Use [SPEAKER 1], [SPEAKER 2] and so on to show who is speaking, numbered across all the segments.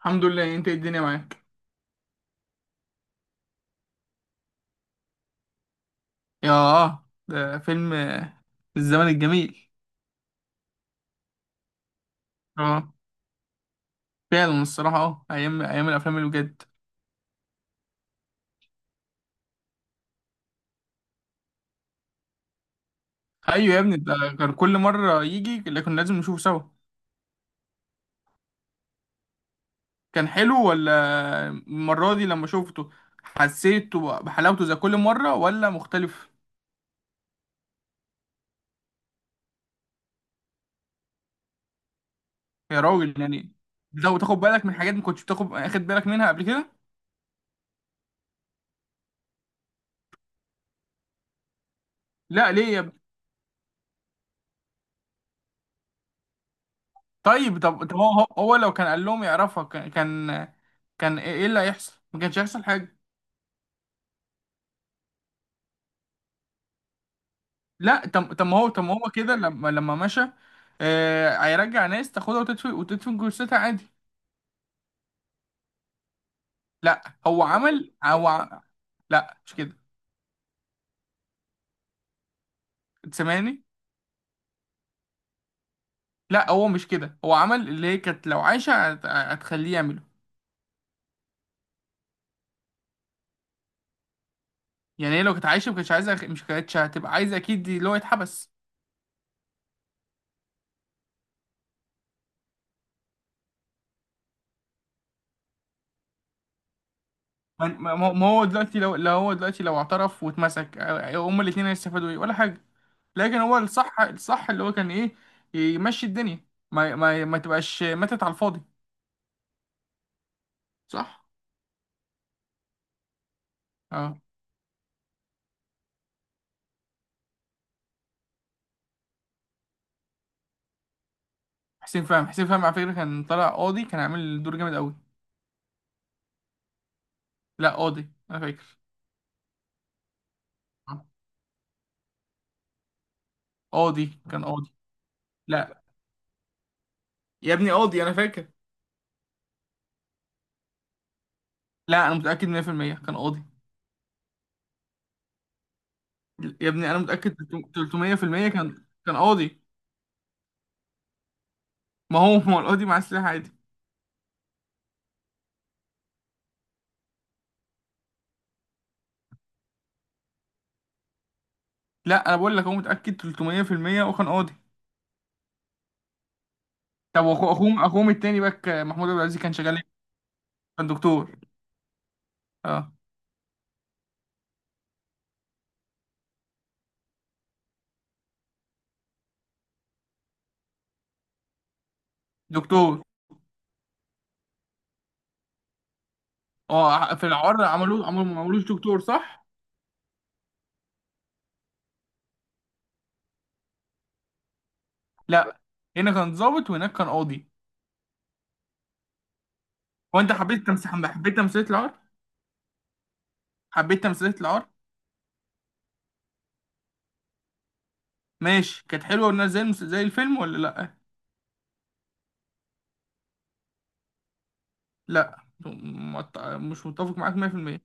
[SPEAKER 1] الحمد لله، انت ايه الدنيا معاك؟ ياه، ده فيلم الزمن الجميل. اه، فعلا الصراحة، ايام الافلام اللي بجد. ايوه يا ابني، ده كان كل مرة يجي اللي كنا لازم نشوفه سوا. كان حلو؟ ولا المرة دي لما شوفته حسيته بحلاوته زي كل مرة ولا مختلف؟ يا راجل، يعني لو تاخد بالك من حاجات ما كنتش اخد بالك منها قبل كده. لا، ليه يا ابني؟ طب هو لو كان قال لهم يعرفها كان كان ايه اللي هيحصل؟ ما كانش هيحصل حاجة. لا، طب طب ما هو كده لما مشى. هيرجع ناس تاخدها وتدفن جثتها عادي. لا، هو عمل لا، مش كده. سامعني؟ لا، هو مش كده، هو عمل اللي هي كانت لو عايشه هتخليه يعمله. يعني هي لو كانت عايشه ما كانتش عايزه مش كانتش هتبقى عايزه اكيد دي اللي هو يتحبس. ما هو دلوقتي لو اعترف واتمسك، هما الاثنين هيستفادوا ايه ولا حاجه؟ لكن هو الصح اللي هو كان ايه يمشي الدنيا، ما تبقاش ماتت على الفاضي. صح. اه، حسين فهمي على فكرة كان طالع قاضي، كان عامل دور جامد قوي. لا، قاضي انا فاكر. آه. قاضي. كان قاضي. لا. يا ابني، قاضي انا فاكر. لا، انا متأكد 100% كان قاضي. يا ابني، انا متأكد 300% كان قاضي. ما هو القاضي معاه سلاح عادي. لا، انا بقول لك، هو متأكد 300% وكان قاضي. طب، اخوهم التاني باك محمود عبد العزيز كان شغال ايه؟ كان دكتور. اه، دكتور. اه، في العار عملوه ما عملوش دكتور، صح؟ لا، هنا كان ضابط وهناك كان قاضي. هو انت حبيت تمثيلية العار؟ حبيت تمثيلية العار؟ ماشي، كانت حلوة والناس زي الفيلم ولا لا؟ لا، مش متفق معاك 100%.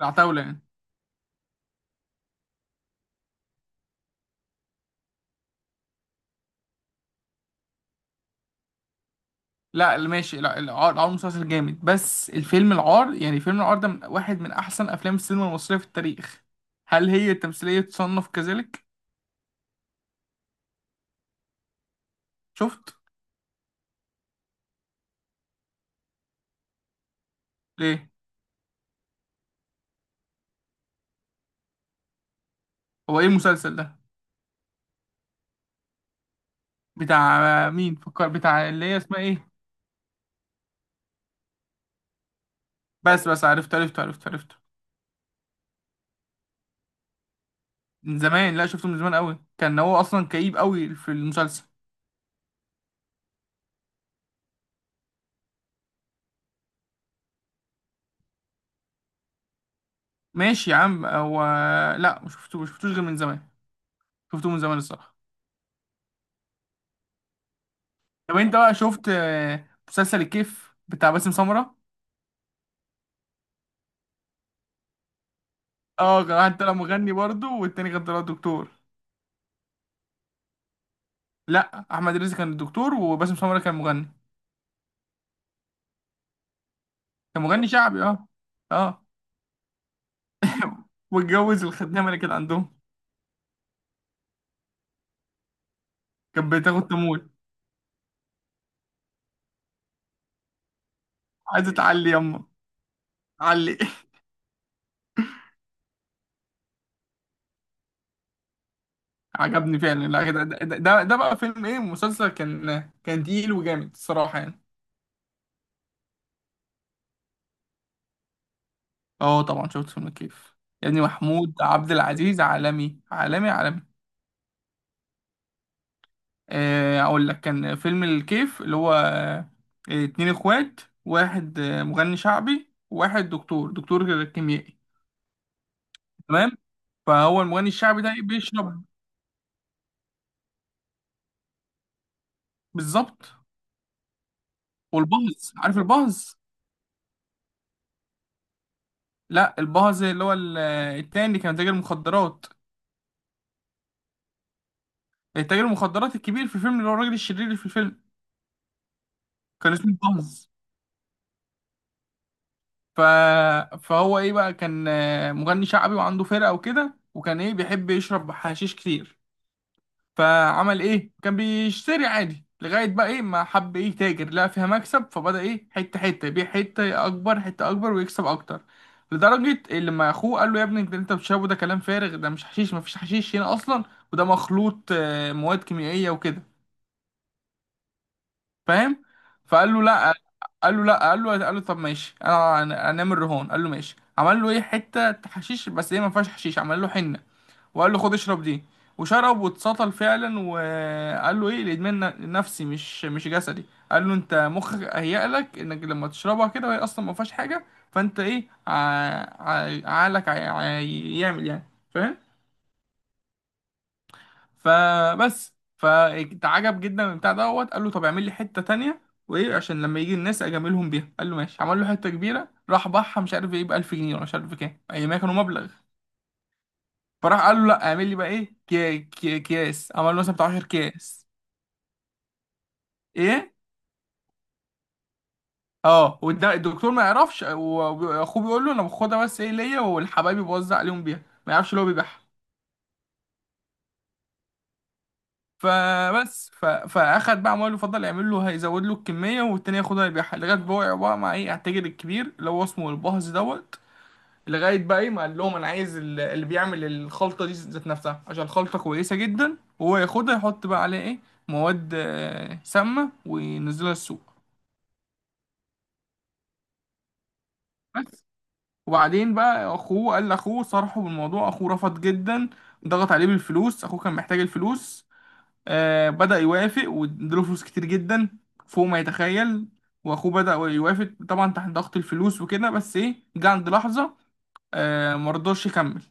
[SPEAKER 1] العتاولة يعني؟ لا ماشي، لا، العار مسلسل جامد، بس الفيلم العار، يعني فيلم العار ده واحد من احسن افلام السينما المصرية في التاريخ. هل هي التمثيلية تصنف كذلك؟ شفت. ليه؟ هو ايه المسلسل ده؟ بتاع مين، فكر، بتاع اللي هي اسمها ايه؟ بس بس، عرفت عرفت عرفت عرفت. من زمان، لا شفته من زمان قوي، كان هو اصلا كئيب قوي في المسلسل. ماشي يا عم، هو، لا ما شفتوش غير من زمان. شفته من زمان الصراحه. طب انت بقى شفت مسلسل الكيف بتاع باسم سمرة؟ اه، كان واحد طلع مغني برضه والتاني كان طلع دكتور. لا، احمد رزق كان الدكتور وباسم سمرة كان مغني. كان مغني شعبي، اه. اه. واتجوز الخدامه اللي كانت عندهم. كانت بتاخد تمويل. عايزه تعلي يما، علي! عجبني فعلا. لا، ده بقى فيلم ايه مسلسل كان تقيل وجامد الصراحه يعني. اه طبعا، شفت فيلم كيف. يا ابني، محمود عبد العزيز عالمي عالمي عالمي. اقول لك، كان فيلم الكيف اللي هو اتنين اخوات، واحد مغني شعبي وواحد دكتور كيميائي. تمام. فهو المغني الشعبي ده بيشرب. بالظبط. والبهز، عارف البهز؟ لا، البهز اللي هو التاني اللي كان تاجر مخدرات، التاجر المخدرات الكبير في الفيلم، اللي هو الراجل الشرير اللي في الفيلم. كان اسمه البهز. ف... فهو ايه بقى، كان مغني شعبي وعنده فرقة وكده، وكان ايه بيحب يشرب حشيش كتير. فعمل ايه، كان بيشتري عادي، لغاية بقى ايه ما حب ايه تاجر، لقى فيها مكسب فبدأ ايه حتة حتة يبيع، حتة أكبر حتة أكبر، ويكسب أكتر. لدرجة اللي ما أخوه قال له: يا ابني، انت بتشربه ده كلام فارغ، ده مش حشيش، مفيش حشيش هنا أصلا، وده مخلوط مواد كيميائية وكده. فاهم؟ فقال له: لا. قال له: لا. قال له: طب ماشي. انا انام الرهان. قال له: ماشي. عمل له ايه حته حشيش بس هي ما فيهاش حشيش، عمل له حنه، وقال له: خد اشرب دي. وشرب واتسطل فعلا، وقال له: ايه الادمان نفسي مش جسدي. قال له: انت مخك هيأ لك انك لما تشربها كده وهي اصلا ما فيهاش حاجه، فانت ايه عقلك هيعمل يعني. فاهم؟ فبس، فاتعجب جدا من البتاع دوت، قال له: طب اعمل لي حته تانية، وايه عشان لما يجي الناس اجاملهم بيها. قال له: ماشي. عمل له حته كبيره راح باعها، مش عارف ايه ب 1000 جنيه ولا مش عارف كام، ايامها كانوا مبلغ. فراح قال له: لا، اعمل لي بقى ايه كي كي كياس. عمل له مثلا بتاع 10 كياس. ايه؟ اه، الدكتور ما يعرفش، واخوه بيقول له: انا باخدها بس ايه ليا والحبايب بوزع عليهم بيها. ما يعرفش اللي هو بيبيعها. فبس، فاخد بقى عمال يفضل يعمل له، هيزود له الكميه والتاني ياخدها يبيعها، لغايه بقى وقع بقى مع ايه التاجر الكبير اللي هو اسمه البهز دوت. لغايه بقى ايه ما قال لهم: انا عايز اللي بيعمل الخلطه دي ذات نفسها، عشان الخلطه كويسه جدا، وهو ياخدها يحط بقى عليها ايه مواد سامه، وينزلها السوق. بس. وبعدين بقى، اخوه قال لاخوه صرحه بالموضوع، اخوه رفض جدا. ضغط عليه بالفلوس، اخوه كان محتاج الفلوس، بدأ يوافق، واداله فلوس كتير جدا فوق ما يتخيل، واخوه بدأ يوافق طبعا تحت ضغط الفلوس وكده، بس ايه، جه عند لحظة مرضاش يكمل،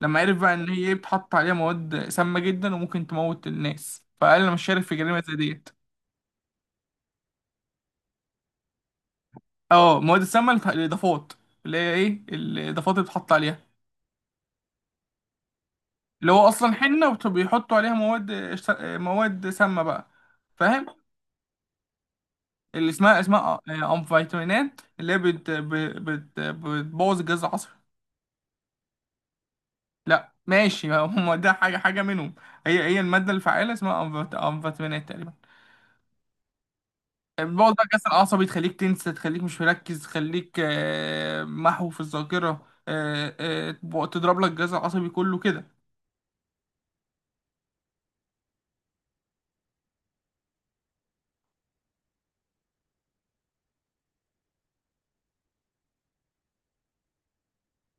[SPEAKER 1] لما عرف بقى ان هي ايه بتحط عليها مواد سامة جدا وممكن تموت الناس، فقال: انا مش شارك في جريمة زي ديت. اه، مواد السامة، الاضافات، اللي هي ايه الاضافات اللي بتحط عليها، اللي هو اصلا حنة وبيحطوا عليها مواد، مواد سامة بقى. فاهم؟ اللي اسمها أمفيتامينات، اللي هي بت ب- بت بتبوظ الجهاز العصبي. لا ماشي، هم ده حاجة منهم. هي هي المادة الفعالة اسمها أمفيتامينات تقريبا. بتبوظ بقى الجهاز العصبي، تخليك تنسى، تخليك مش مركز، تخليك محو في الذاكرة، تضرب لك الجهاز العصبي كله كده.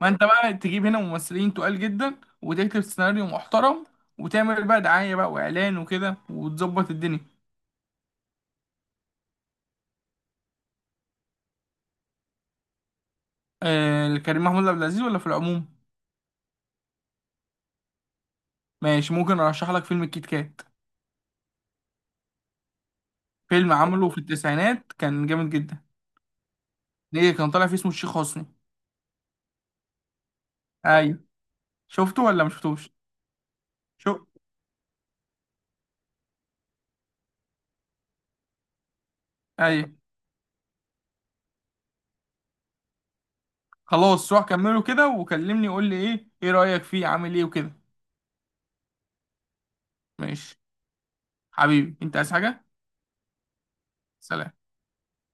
[SPEAKER 1] ما انت بقى تجيب هنا ممثلين تقال جدا، وتكتب سيناريو محترم، وتعمل بقى دعاية بقى وإعلان وكده، وتظبط الدنيا. كريم محمود عبد العزيز ولا في العموم؟ ماشي، ممكن ارشح لك فيلم الكيت كات. فيلم عمله في التسعينات، كان جامد جدا. ليه كان طالع فيه اسمه الشيخ حسني. ايوه. شفته ولا ما شفتوش؟ شو؟ ايوه. خلاص، روح كمله كده وكلمني، قول لي ايه رأيك فيه، عامل ايه وكده. ماشي. حبيبي، انت عايز حاجة؟ سلام.